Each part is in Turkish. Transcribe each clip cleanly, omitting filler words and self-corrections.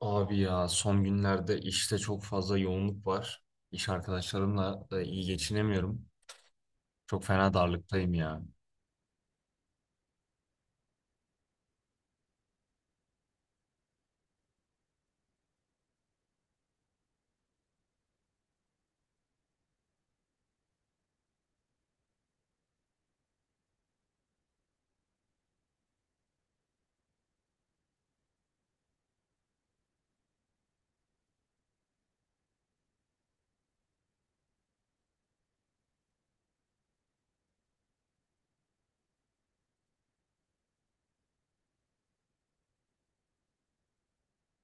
Abi ya son günlerde işte çok fazla yoğunluk var. İş arkadaşlarımla da iyi geçinemiyorum. Çok fena darlıktayım ya.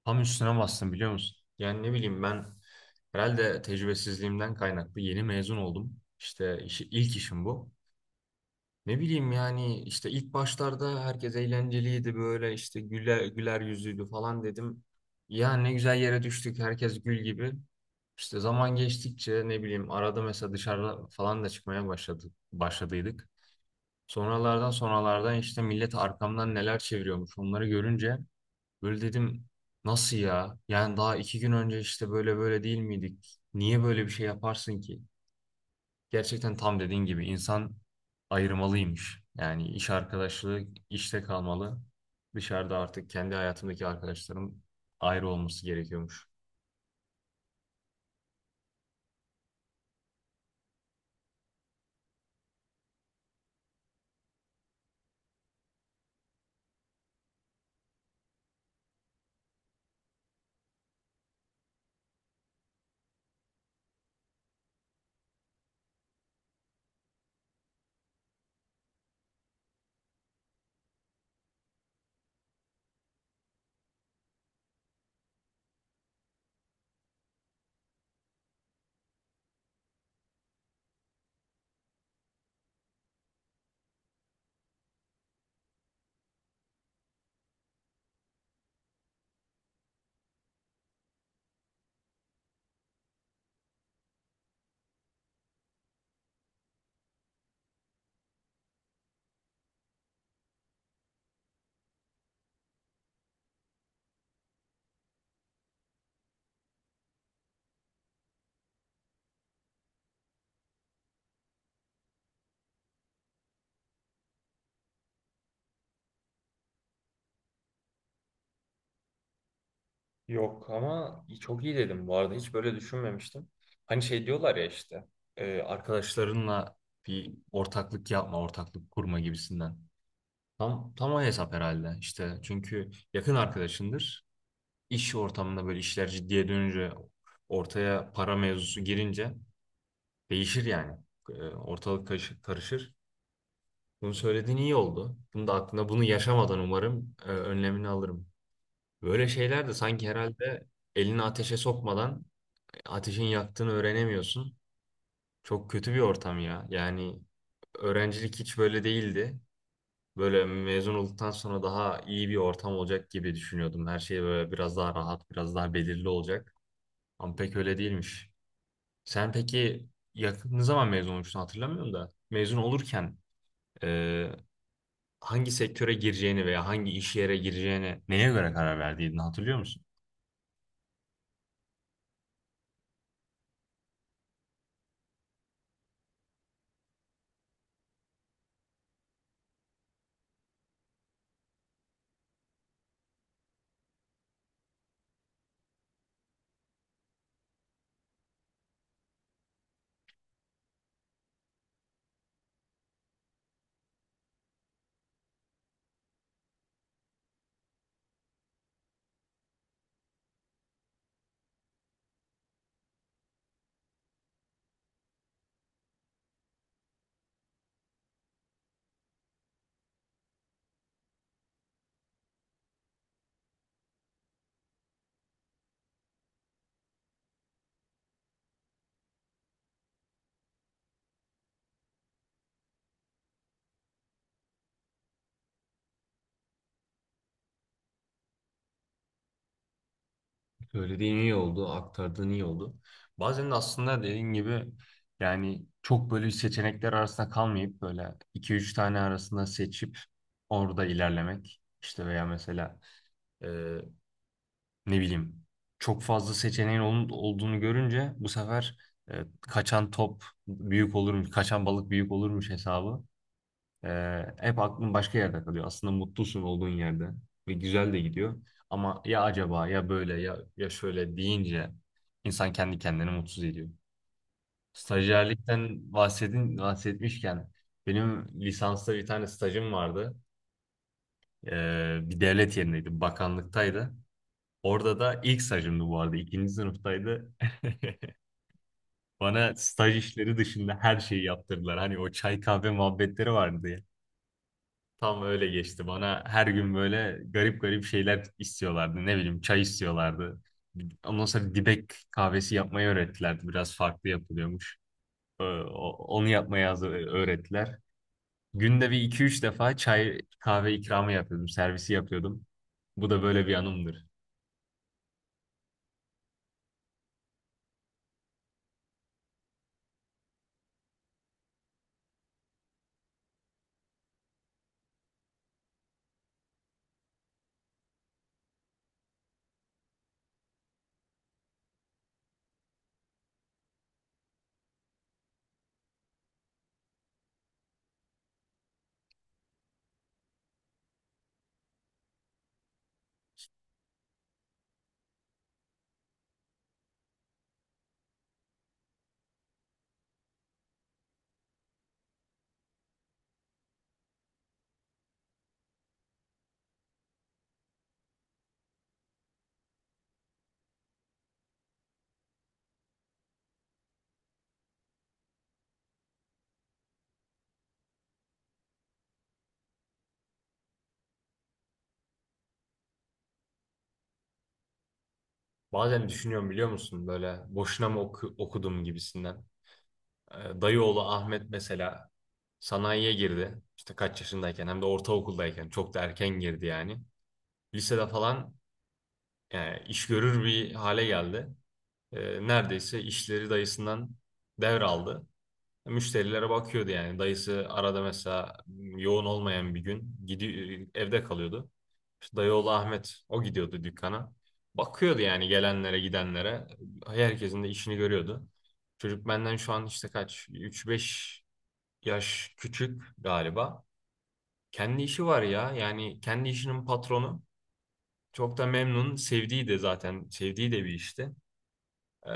Tam üstüne bastım biliyor musun? Yani ne bileyim ben herhalde tecrübesizliğimden kaynaklı yeni mezun oldum. İşte ilk işim bu. Ne bileyim yani işte ilk başlarda herkes eğlenceliydi böyle işte güler yüzlüydü falan dedim. Ya ne güzel yere düştük, herkes gül gibi. İşte zaman geçtikçe ne bileyim arada mesela dışarıda falan da çıkmaya başladıydık. Sonralardan işte millet arkamdan neler çeviriyormuş, onları görünce böyle dedim nasıl ya? Yani daha iki gün önce işte böyle değil miydik? Niye böyle bir şey yaparsın ki? Gerçekten tam dediğin gibi insan ayırmalıymış. Yani iş arkadaşlığı işte kalmalı. Dışarıda artık kendi hayatımdaki arkadaşlarım ayrı olması gerekiyormuş. Yok, ama çok iyi dedim, bu arada hiç böyle düşünmemiştim. Hani şey diyorlar ya işte arkadaşlarınla bir ortaklık yapma, ortaklık kurma gibisinden. Tam o hesap herhalde işte. Çünkü yakın arkadaşındır. İş ortamında böyle işler ciddiye dönünce, ortaya para mevzusu girince değişir yani. Ortalık karışır. Bunu söylediğin iyi oldu. Bunu da aklına, bunu yaşamadan umarım önlemini alırım. Böyle şeyler de sanki herhalde elini ateşe sokmadan ateşin yaktığını öğrenemiyorsun. Çok kötü bir ortam ya. Yani öğrencilik hiç böyle değildi. Böyle mezun olduktan sonra daha iyi bir ortam olacak gibi düşünüyordum. Her şey böyle biraz daha rahat, biraz daha belirli olacak. Ama pek öyle değilmiş. Sen peki yakın ne zaman mezun olmuştun hatırlamıyorum da. Mezun olurken e, hangi sektöre gireceğini veya hangi iş yere gireceğini neye göre karar verdiğini hatırlıyor musun? Söylediğin iyi oldu, aktardığın iyi oldu. Bazen de aslında dediğin gibi yani çok böyle seçenekler arasında kalmayıp böyle iki üç tane arasında seçip orada ilerlemek. İşte veya mesela e, ne bileyim çok fazla seçeneğin olduğunu görünce bu sefer kaçan top büyük olurmuş, kaçan balık büyük olurmuş hesabı. Hep aklın başka yerde kalıyor. Aslında mutlusun olduğun yerde ve güzel de gidiyor. Ama ya acaba, ya böyle, ya ya şöyle deyince insan kendi kendini mutsuz ediyor. Stajyerlikten bahsetmişken benim lisansta bir tane stajım vardı. Bir devlet yerindeydi, bakanlıktaydı. Orada da ilk stajımdı bu arada. İkinci sınıftaydı. Bana staj işleri dışında her şeyi yaptırdılar. Hani o çay kahve muhabbetleri vardı, tam öyle geçti. Bana her gün böyle garip şeyler istiyorlardı. Ne bileyim çay istiyorlardı. Ondan sonra dibek kahvesi yapmayı öğrettilerdi. Biraz farklı yapılıyormuş. Onu yapmayı öğrettiler. Günde bir iki üç defa çay kahve ikramı yapıyordum. Servisi yapıyordum. Bu da böyle bir anımdır. Bazen düşünüyorum biliyor musun, böyle boşuna mı okudum gibisinden. Dayıoğlu Ahmet mesela sanayiye girdi. İşte kaç yaşındayken, hem de ortaokuldayken, çok da erken girdi yani. Lisede falan yani iş görür bir hale geldi. Neredeyse işleri dayısından devraldı. Müşterilere bakıyordu yani. Dayısı arada mesela yoğun olmayan bir gün gidiyor, evde kalıyordu. İşte dayı oğlu Ahmet o gidiyordu dükkana. Bakıyordu yani gelenlere gidenlere. Herkesin de işini görüyordu. Çocuk benden şu an işte kaç, üç beş yaş küçük galiba. Kendi işi var ya. Yani kendi işinin patronu. Çok da memnun. Sevdiği de bir işti. Ee,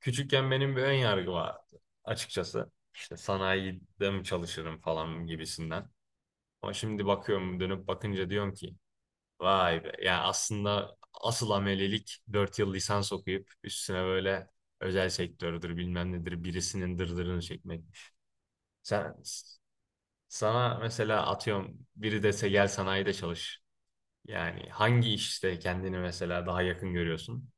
Küçükken benim bir ön yargı vardı açıkçası. İşte sanayide mi çalışırım falan gibisinden. Ama şimdi bakıyorum, dönüp bakınca diyorum ki vay be. Yani aslında asıl amelelik 4 yıl lisans okuyup üstüne böyle özel sektördür bilmem nedir birisinin dırdırını çekmekmiş. Sen, Sana mesela atıyorum biri dese gel sanayide çalış. Yani hangi işte kendini mesela daha yakın görüyorsun?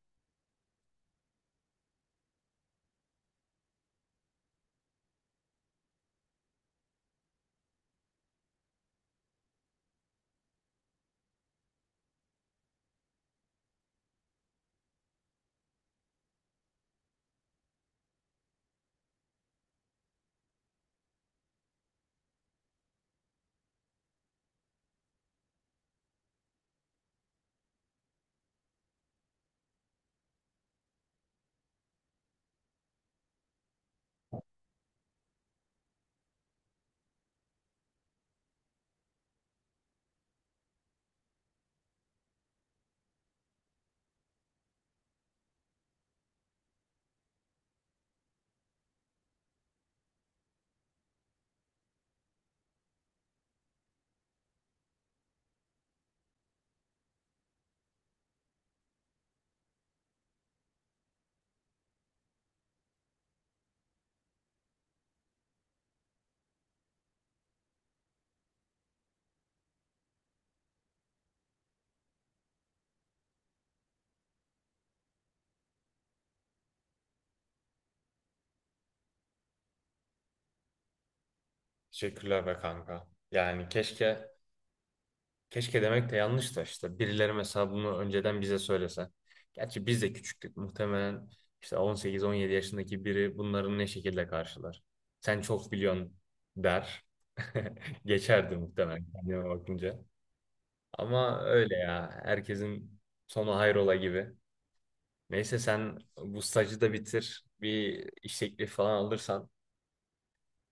Teşekkürler be kanka. Yani keşke demek de yanlış, da işte birileri mesela bunu önceden bize söylese. Gerçi biz de küçüktük, muhtemelen işte 18-17 yaşındaki biri bunların ne şekilde karşılar. Sen çok biliyorsun der. Geçerdi muhtemelen kendime bakınca. Ama öyle ya, herkesin sonu hayrola gibi. Neyse sen bu stajı da bitir. Bir iş teklifi falan alırsan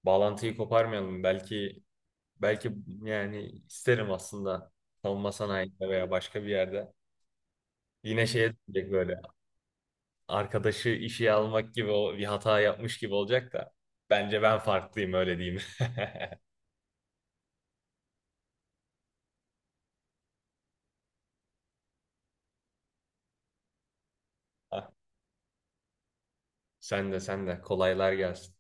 bağlantıyı koparmayalım. Belki yani isterim aslında, savunma sanayinde veya başka bir yerde. Yine şeye dönecek böyle. Arkadaşı işe almak gibi, o bir hata yapmış gibi olacak da. Bence ben farklıyım, öyle diyeyim. Sen de kolaylar gelsin.